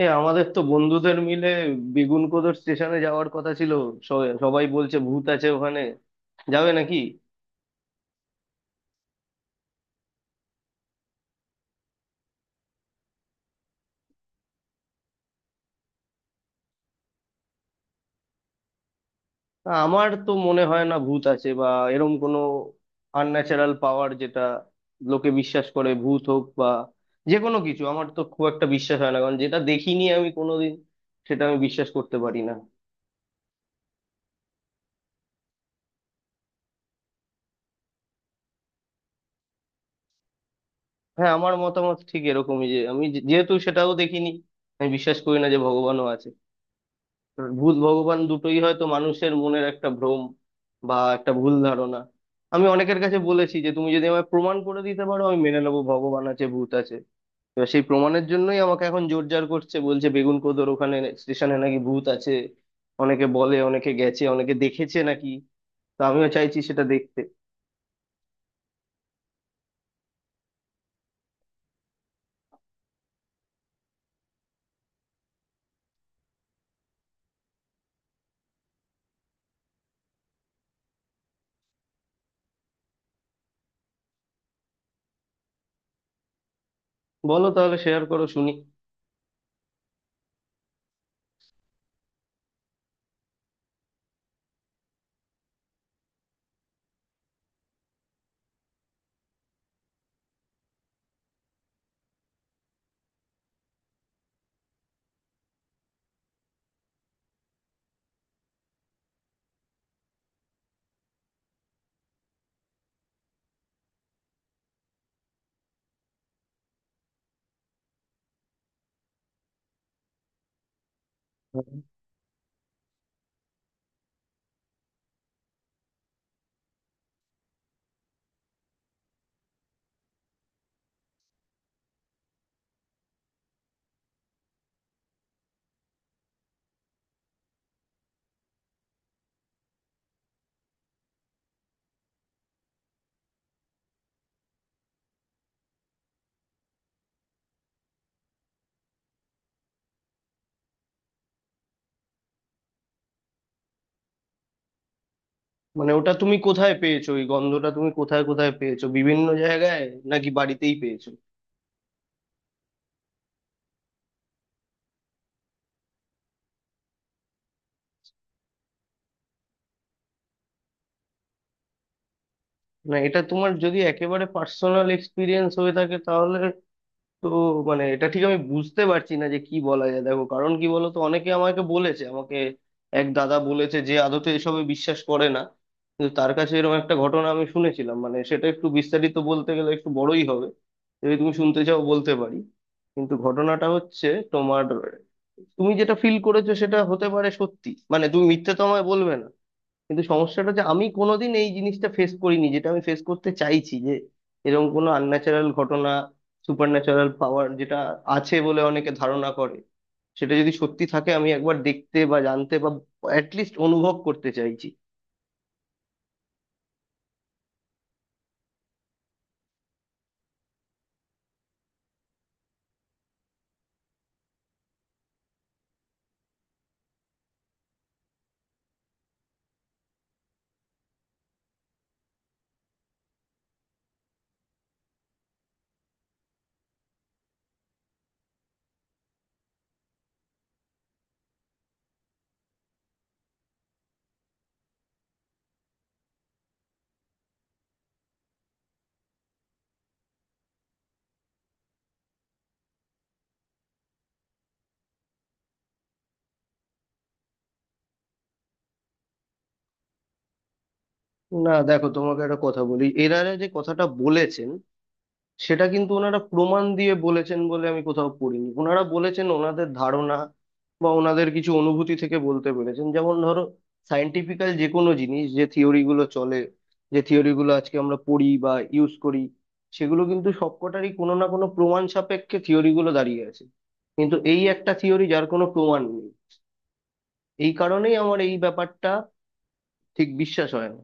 এ আমাদের তো বন্ধুদের মিলে বেগুনকোদর স্টেশনে যাওয়ার কথা ছিল। সবাই বলছে ভূত আছে ওখানে, যাবে নাকি? না, আমার তো মনে হয় না ভূত আছে বা এরম কোনো আনন্যাচারাল পাওয়ার, যেটা লোকে বিশ্বাস করে, ভূত হোক বা যে কোনো কিছু, আমার তো খুব একটা বিশ্বাস হয় না, কারণ যেটা দেখিনি আমি কোনোদিন, সেটা আমি বিশ্বাস করতে পারি না। হ্যাঁ, আমার মতামত ঠিক এরকমই যে আমি যেহেতু সেটাও দেখিনি, আমি বিশ্বাস করি না যে ভগবানও আছে। ভূত ভগবান দুটোই হয়তো মানুষের মনের একটা ভ্রম বা একটা ভুল ধারণা। আমি অনেকের কাছে বলেছি যে তুমি যদি আমায় প্রমাণ করে দিতে পারো, আমি মেনে নেবো ভগবান আছে, ভূত আছে। এবার সেই প্রমাণের জন্যই আমাকে এখন জোরজার করছে, বলছে বেগুন কোদোর ওখানে স্টেশনে নাকি ভূত আছে, অনেকে বলে, অনেকে গেছে, অনেকে দেখেছে নাকি। তো আমিও চাইছি সেটা দেখতে। বলো তাহলে, শেয়ার করো শুনি। হুম। মানে ওটা তুমি কোথায় পেয়েছো? ওই গন্ধটা তুমি কোথায় কোথায় পেয়েছো, বিভিন্ন জায়গায় নাকি বাড়িতেই পেয়েছো? না, এটা তোমার যদি একেবারে পার্সোনাল এক্সপিরিয়েন্স হয়ে থাকে, তাহলে তো মানে এটা ঠিক আমি বুঝতে পারছি না যে কি বলা যায়। দেখো, কারণ কি বলতো, অনেকে আমাকে বলেছে, আমাকে এক দাদা বলেছে যে আদতে এসবে বিশ্বাস করে না, কিন্তু তার কাছে এরকম একটা ঘটনা আমি শুনেছিলাম। মানে সেটা একটু বিস্তারিত বলতে গেলে একটু বড়ই হবে, যদি তুমি শুনতে চাও বলতে পারি। কিন্তু ঘটনাটা হচ্ছে তোমার, তুমি যেটা ফিল করেছো সেটা হতে পারে সত্যি, মানে তুমি মিথ্যে তো আমায় বলবে না। কিন্তু সমস্যাটা যে আমি কোনোদিন এই জিনিসটা ফেস করিনি, যেটা আমি ফেস করতে চাইছি, যে এরকম কোনো আনন্যাচারাল ঘটনা, সুপার ন্যাচারাল পাওয়ার যেটা আছে বলে অনেকে ধারণা করে, সেটা যদি সত্যি থাকে, আমি একবার দেখতে বা জানতে বা অ্যাটলিস্ট অনুভব করতে চাইছি। না দেখো, তোমাকে একটা কথা বলি, এনারা যে কথাটা বলেছেন সেটা কিন্তু ওনারা প্রমাণ দিয়ে বলেছেন বলে আমি কোথাও পড়িনি। ওনারা বলেছেন ওনাদের ধারণা বা ওনাদের কিছু অনুভূতি থেকে বলতে পেরেছেন। যেমন ধরো, সায়েন্টিফিক্যাল যে কোনো জিনিস, যে থিওরি গুলো চলে, যে থিওরি গুলো আজকে আমরা পড়ি বা ইউজ করি, সেগুলো কিন্তু সবকটারই কোনো না কোনো প্রমাণ সাপেক্ষে থিওরি গুলো দাঁড়িয়ে আছে। কিন্তু এই একটা থিওরি যার কোনো প্রমাণ নেই, এই কারণেই আমার এই ব্যাপারটা ঠিক বিশ্বাস হয় না।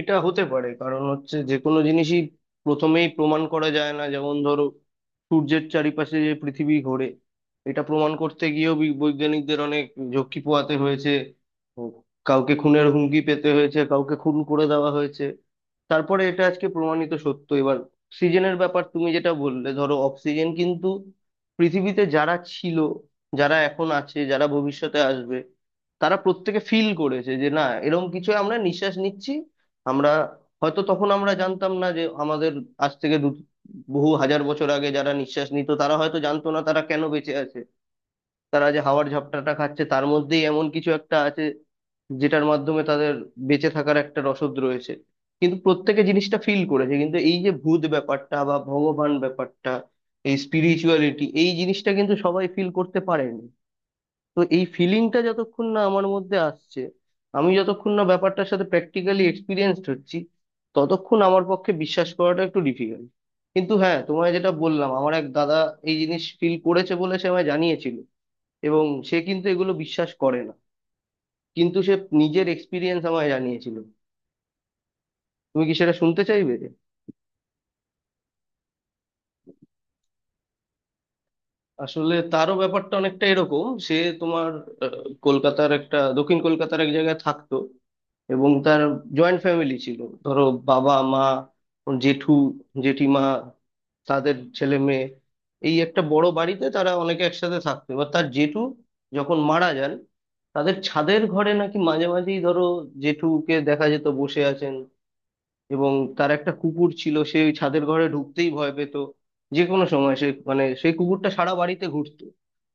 এটা হতে পারে, কারণ হচ্ছে যে কোনো জিনিসই প্রথমেই প্রমাণ করা যায় না। যেমন ধরো, সূর্যের চারিপাশে যে পৃথিবী ঘোরে, এটা প্রমাণ করতে গিয়েও বৈজ্ঞানিকদের অনেক ঝক্কি পোহাতে হয়েছে। ও, কাউকে খুনের হুমকি পেতে হয়েছে, কাউকে খুন করে দেওয়া হয়েছে, তারপরে এটা আজকে প্রমাণিত সত্য। এবার অক্সিজেনের ব্যাপার তুমি যেটা বললে, ধরো অক্সিজেন কিন্তু পৃথিবীতে যারা ছিল, যারা এখন আছে, যারা ভবিষ্যতে আসবে, তারা প্রত্যেকে ফিল করেছে যে না, এরকম কিছু আমরা নিঃশ্বাস নিচ্ছি। আমরা হয়তো তখন আমরা জানতাম না যে আমাদের আজ থেকে দু বহু হাজার বছর আগে যারা নিঃশ্বাস নিত তারা হয়তো জানতো না তারা কেন বেঁচে আছে, তারা যে হাওয়ার ঝাপটাটা খাচ্ছে তার মধ্যেই এমন কিছু একটা আছে যেটার মাধ্যমে তাদের বেঁচে থাকার একটা রসদ রয়েছে। কিন্তু প্রত্যেকে জিনিসটা ফিল করেছে। কিন্তু এই যে ভূত ব্যাপারটা বা ভগবান ব্যাপারটা, এই স্পিরিচুয়ালিটি, এই জিনিসটা কিন্তু সবাই ফিল করতে পারেনি। তো এই ফিলিংটা যতক্ষণ না আমার মধ্যে আসছে, আমি যতক্ষণ না ব্যাপারটার সাথে প্র্যাকটিক্যালি এক্সপিরিয়েন্সড হচ্ছি, ততক্ষণ আমার পক্ষে বিশ্বাস করাটা একটু ডিফিকাল্ট। কিন্তু হ্যাঁ, তোমায় যেটা বললাম, আমার এক দাদা এই জিনিস ফিল করেছে বলে সে আমায় জানিয়েছিল, এবং সে কিন্তু এগুলো বিশ্বাস করে না, কিন্তু সে নিজের এক্সপিরিয়েন্স আমায় জানিয়েছিল। তুমি কি সেটা শুনতে চাইবে? আসলে তারও ব্যাপারটা অনেকটা এরকম, সে তোমার আহ, কলকাতার একটা দক্ষিণ কলকাতার এক জায়গায় থাকতো, এবং তার জয়েন্ট ফ্যামিলি ছিল। ধরো বাবা মা, জেঠু, জেঠিমা, তাদের ছেলে মেয়ে, এই একটা বড় বাড়িতে তারা অনেকে একসাথে থাকতো। এবার তার জেঠু যখন মারা যান, তাদের ছাদের ঘরে নাকি মাঝে মাঝেই ধরো জেঠুকে দেখা যেত বসে আছেন, এবং তার একটা কুকুর ছিল, সে ওই ছাদের ঘরে ঢুকতেই ভয় পেত। যে কোনো সময় সে মানে সেই কুকুরটা সারা বাড়িতে ঘুরতো,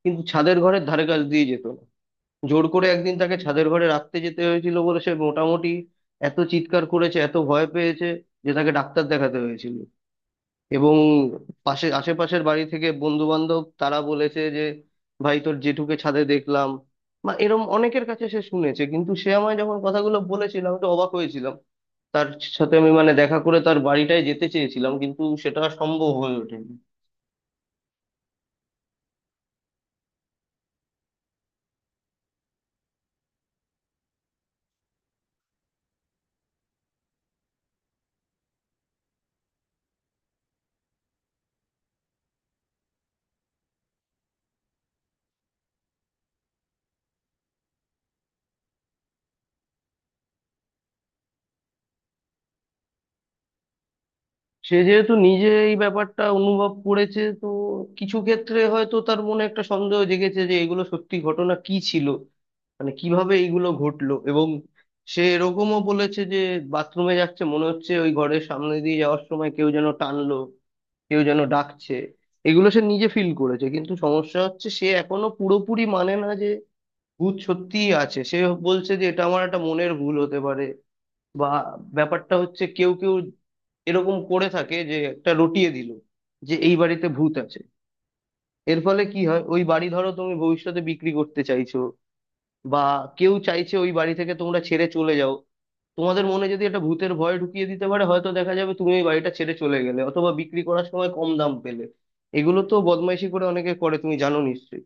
কিন্তু ছাদের ঘরের ধারে কাছ দিয়ে যেত না। জোর করে একদিন তাকে ছাদের ঘরে রাখতে যেতে হয়েছিল বলে সে মোটামুটি এত চিৎকার করেছে, এত ভয় পেয়েছে যে তাকে ডাক্তার দেখাতে হয়েছিল। এবং পাশে আশেপাশের বাড়ি থেকে বন্ধু বান্ধব তারা বলেছে যে ভাই তোর জেঠুকে ছাদে দেখলাম, বা এরম অনেকের কাছে সে শুনেছে। কিন্তু সে আমায় যখন কথাগুলো বলেছিল আমি তো অবাক হয়েছিলাম। তার সাথে আমি মানে দেখা করে তার বাড়িটায় যেতে চেয়েছিলাম, কিন্তু সেটা সম্ভব হয়ে ওঠেনি। সে যেহেতু নিজে এই ব্যাপারটা অনুভব করেছে তো কিছু ক্ষেত্রে হয়তো তার মনে একটা সন্দেহ জেগেছে যে এগুলো সত্যি ঘটনা কি ছিল, মানে কিভাবে এগুলো ঘটলো। এবং সে এরকমও বলেছে যে বাথরুমে যাচ্ছে, মনে হচ্ছে ওই ঘরের সামনে দিয়ে যাওয়ার সময় কেউ যেন টানলো, কেউ যেন ডাকছে। এগুলো সে নিজে ফিল করেছে, কিন্তু সমস্যা হচ্ছে সে এখনো পুরোপুরি মানে না যে ভূত সত্যিই আছে। সে বলছে যে এটা আমার একটা মনের ভুল হতে পারে, বা ব্যাপারটা হচ্ছে কেউ কেউ এরকম করে থাকে যে একটা রটিয়ে দিল যে এই বাড়িতে ভূত আছে। এর ফলে কি হয়, ওই বাড়ি ধরো তুমি ভবিষ্যতে বিক্রি করতে চাইছো, বা কেউ চাইছে ওই বাড়ি থেকে তোমরা ছেড়ে চলে যাও, তোমাদের মনে যদি একটা ভূতের ভয় ঢুকিয়ে দিতে পারে, হয়তো দেখা যাবে তুমি ওই বাড়িটা ছেড়ে চলে গেলে অথবা বিক্রি করার সময় কম দাম পেলে। এগুলো তো বদমাইশি করে অনেকে করে, তুমি জানো নিশ্চয়ই।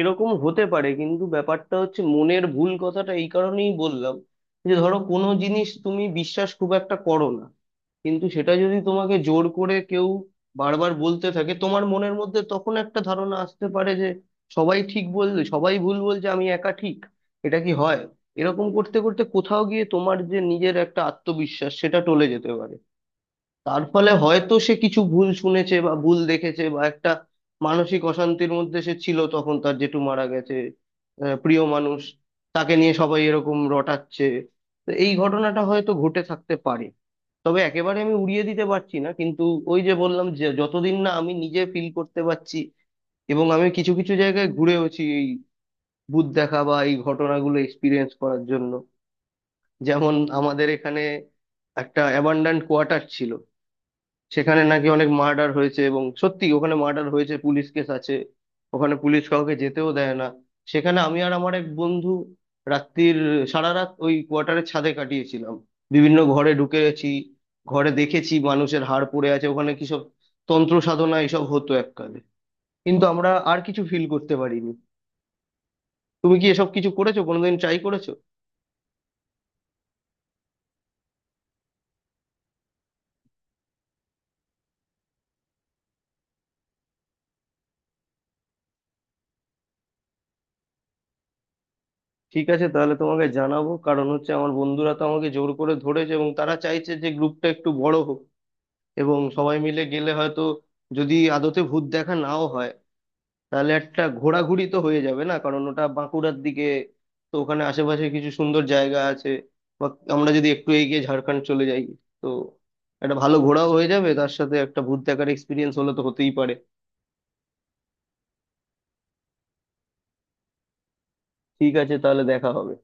এরকম হতে পারে, কিন্তু ব্যাপারটা হচ্ছে মনের ভুল কথাটা এই কারণেই বললাম, যে ধরো কোনো জিনিস তুমি বিশ্বাস খুব একটা করো না, কিন্তু সেটা যদি তোমাকে জোর করে কেউ বারবার বলতে থাকে, তোমার মনের মধ্যে তখন একটা ধারণা আসতে পারে যে সবাই ঠিক বললে, সবাই ভুল বলছে আমি একা ঠিক, এটা কি হয়? এরকম করতে করতে কোথাও গিয়ে তোমার যে নিজের একটা আত্মবিশ্বাস সেটা টলে যেতে পারে। তার ফলে হয়তো সে কিছু ভুল শুনেছে বা ভুল দেখেছে, বা একটা মানসিক অশান্তির মধ্যে সে ছিল, তখন তার জেঠু মারা গেছে, আহ, প্রিয় মানুষ, তাকে নিয়ে সবাই এরকম রটাচ্ছে, তো এই ঘটনাটা হয়তো ঘটে থাকতে পারে। তবে একেবারে আমি উড়িয়ে দিতে পারছি না, কিন্তু ওই যে বললাম যে যতদিন না আমি নিজে ফিল করতে পারছি। এবং আমি কিছু কিছু জায়গায় ঘুরেওছি এই ভূত দেখা বা এই ঘটনাগুলো এক্সপিরিয়েন্স করার জন্য। যেমন আমাদের এখানে একটা অ্যাবান্ডান্ট কোয়ার্টার ছিল, সেখানে নাকি অনেক মার্ডার হয়েছে, এবং সত্যি ওখানে মার্ডার হয়েছে, পুলিশ কেস আছে, ওখানে পুলিশ কাউকে যেতেও দেয় না। সেখানে আমি আর আমার এক বন্ধু রাত্রির সারা রাত ওই কোয়ার্টারের ছাদে কাটিয়েছিলাম, বিভিন্ন ঘরে ঢুকেছি, ঘরে দেখেছি মানুষের হাড় পড়ে আছে, ওখানে কি সব তন্ত্র সাধনা এসব হতো এককালে। কিন্তু আমরা আর কিছু ফিল করতে পারিনি। তুমি কি এসব কিছু করেছো, কোনোদিন ট্রাই করেছো? ঠিক আছে, তাহলে তোমাকে জানাবো, কারণ হচ্ছে আমার বন্ধুরা তো আমাকে জোর করে ধরেছে, এবং তারা চাইছে যে গ্রুপটা একটু বড় হোক, এবং সবাই মিলে গেলে হয়তো, যদি আদতে ভূত দেখা নাও হয়, তাহলে একটা ঘোরাঘুরি তো হয়ে যাবে না, কারণ ওটা বাঁকুড়ার দিকে, তো ওখানে আশেপাশে কিছু সুন্দর জায়গা আছে, বা আমরা যদি একটু এগিয়ে ঝাড়খণ্ড চলে যাই, তো একটা ভালো ঘোরাও হয়ে যাবে, তার সাথে একটা ভূত দেখার এক্সপিরিয়েন্স হলে তো হতেই পারে। ঠিক আছে, তাহলে দেখা হবে।